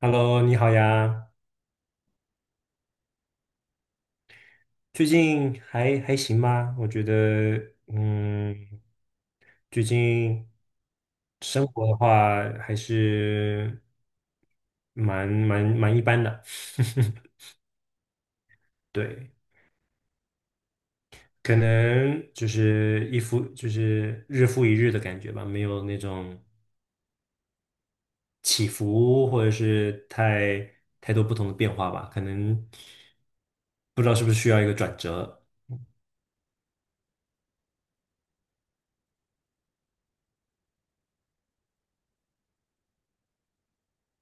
Hello，你好呀，最近还行吗？我觉得，最近生活的话还是蛮一般的，对，可能就是日复一日的感觉吧，没有那种起伏或者是太多不同的变化吧，可能不知道是不是需要一个转折，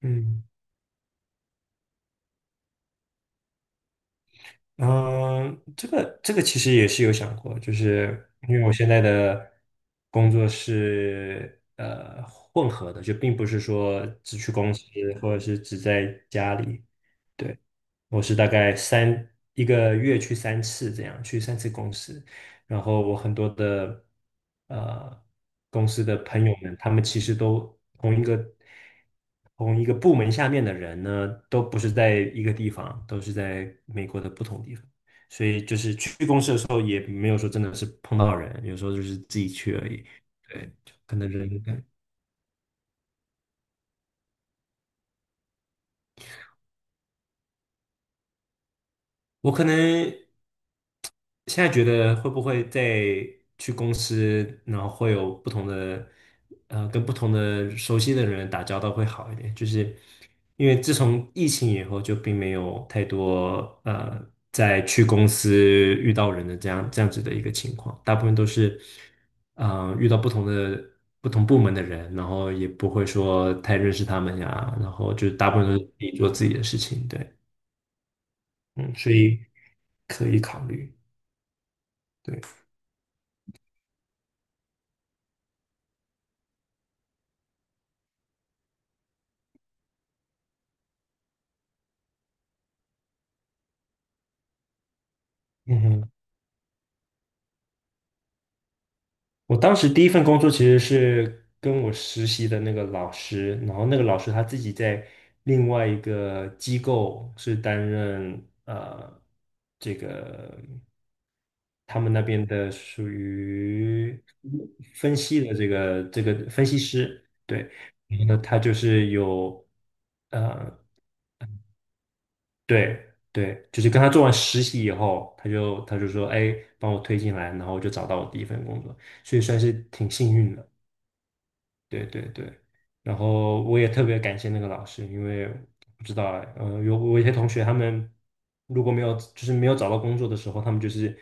嗯。嗯，这个其实也是有想过，就是因为我现在的工作是混合的，就并不是说只去公司或者是只在家里。对。我是大概一个月去三次这样，去三次公司。然后我很多的呃公司的朋友们，他们其实都同一个部门下面的人呢，都不是在一个地方，都是在美国的不同地方。所以就是去公司的时候，也没有说真的是碰到人，有时候就是自己去而已。对，就可能人。我可能现在觉得会不会再去公司，然后会有不同的，跟不同的熟悉的人打交道会好一点，就是因为自从疫情以后，就并没有太多在去公司遇到人的这样子的一个情况，大部分都是遇到不同部门的人，然后也不会说太认识他们呀，然后就大部分都是自己做自己的事情，对。嗯，所以可以考虑。对，嗯哼，我当时第一份工作其实是跟我实习的那个老师，然后那个老师他自己在另外一个机构是担任这个他们那边的属于分析的这个分析师，对，然后呢，他就是有呃。对对，就是跟他做完实习以后，他就说，哎，帮我推进来，然后我就找到我第一份工作，所以算是挺幸运的。对对对，然后我也特别感谢那个老师，因为不知道哎，我有一些同学他们如果没有找到工作的时候，他们就是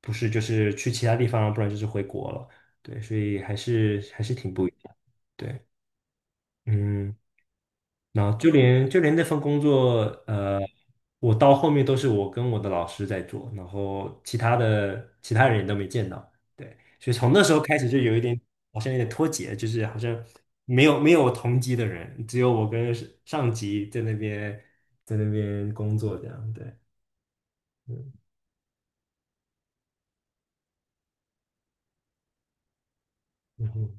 不是就是去其他地方，不然就是回国了。对，所以还是挺不一样。对，嗯。然后就连那份工作，呃，我到后面都是我跟我的老师在做，然后其他人也都没见到，对，所以从那时候开始就有一点好像有点脱节，就是好像没有同级的人，只有我跟上级在那边工作这样，对，嗯嗯哼，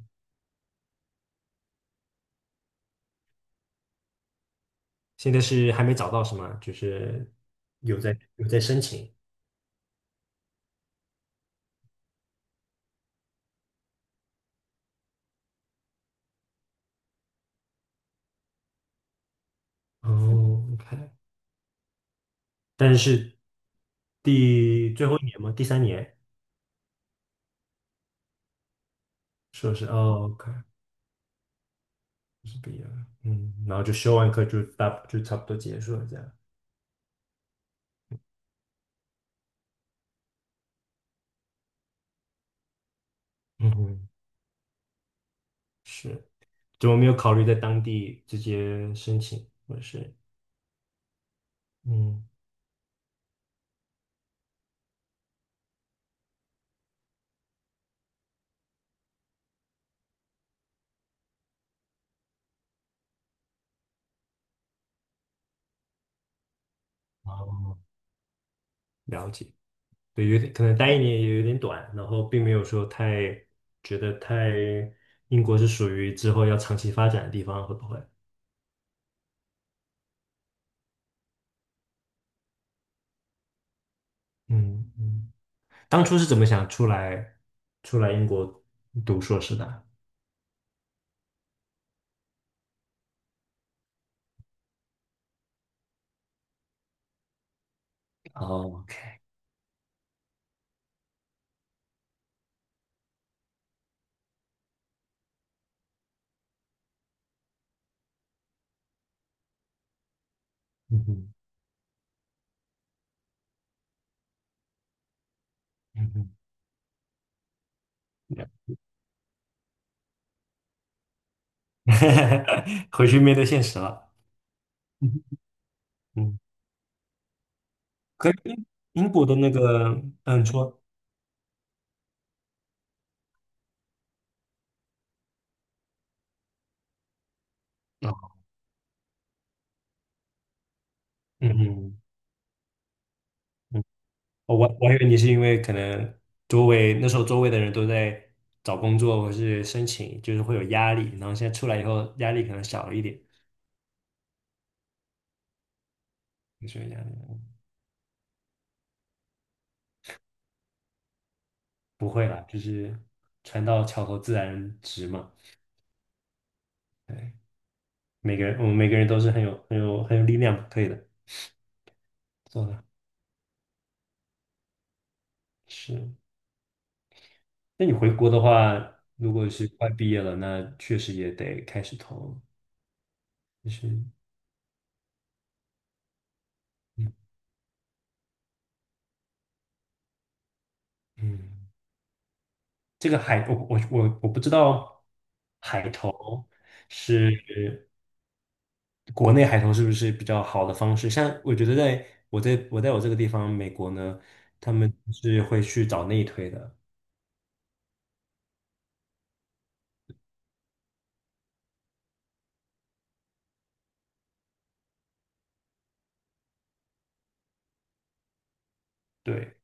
现在是还没找到是吗？就是有在申请，哦，OK，但是最后一年吗？第三年。硕士哦，OK，是毕业了，然后就修完课就差不多结束了这样。嗯哼，是，怎么没有考虑在当地直接申请，或者是？嗯，哦，了解。对，有点可能待一年也有点短，然后并没有说太觉得太英国是属于之后要长期发展的地方，会不会？嗯嗯，当初是怎么想出来英国读硕士的啊。哦，OK，嗯哼，嗯哼，回去面对现实了。嗯嗯，可是英国的那个，嗯，你说，啊嗯嗯嗯，哦我还以为你是因为可能那时候周围的人都在找工作或是申请，就是会有压力，然后现在出来以后压力可能小一点，你说压力不会啦，就是船到桥头自然直嘛。对，每个人我们每个人都是很有力量，可以的，做的是。那你回国的话，如果是快毕业了，那确实也得开始投。就是嗯嗯，这个海，我不知道海投是国内海投是不是比较好的方式？像我觉得在我这个地方美国呢，他们是会去找内推的，对。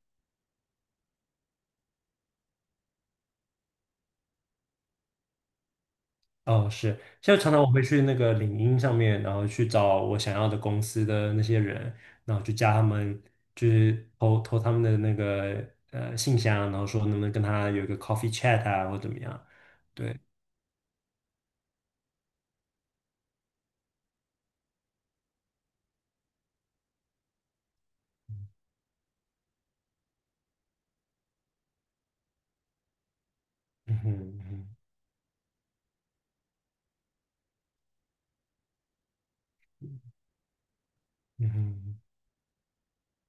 哦，是，现在常常我会去那个领英上面，然后去找我想要的公司的那些人，然后去加他们，就是投他们的那个信箱，然后说能不能跟他有一个 coffee chat 啊，或怎么样？对，嗯哼嗯哼嗯哼，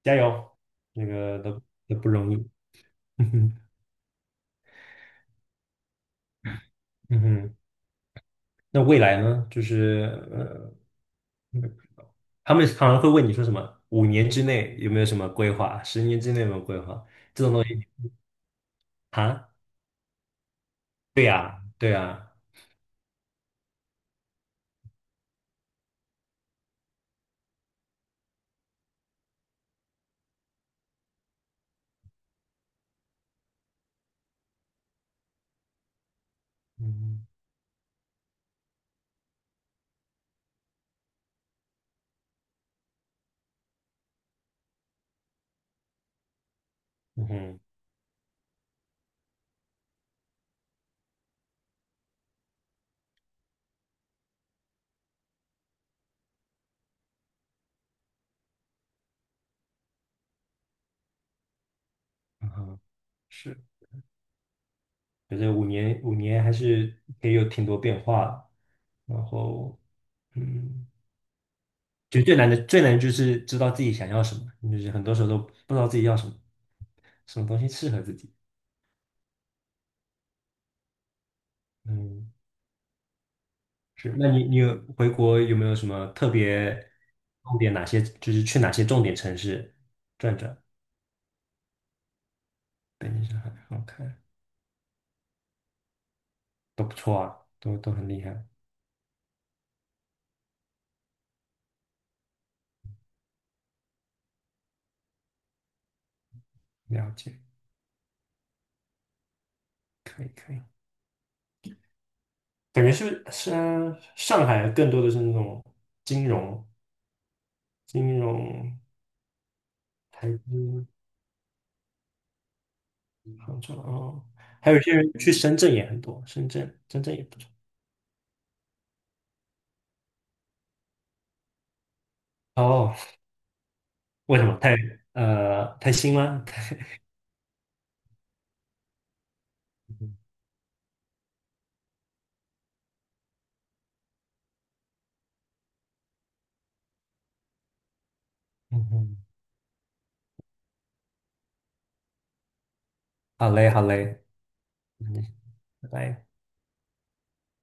加油，那个都不容易，嗯哼嗯哼，那未来呢？就是呃，嗯他们常常会问你说什么？五年之内有没有什么规划？10年之内有没有规划？啊，对呀，对呀。嗯嗯哼嗯哼，是，觉得5年5年还是也有挺多变化的。然后，嗯，就最难的就是知道自己想要什么，就是很多时候都不知道自己要什么，什么东西适合自己。嗯，是。那你有回国有没有什么特别重点？哪些就是去哪些重点城市转转？北京、上海，好看，都不错，都很厉害。了解，可以可以。感觉是不是上海更多的是那种金融、金融、台资、杭州哦，还有一些人去深圳也很多，深圳也不错。哦，为什么太新吗？嗯哼，好嘞好嘞，嗯，拜拜。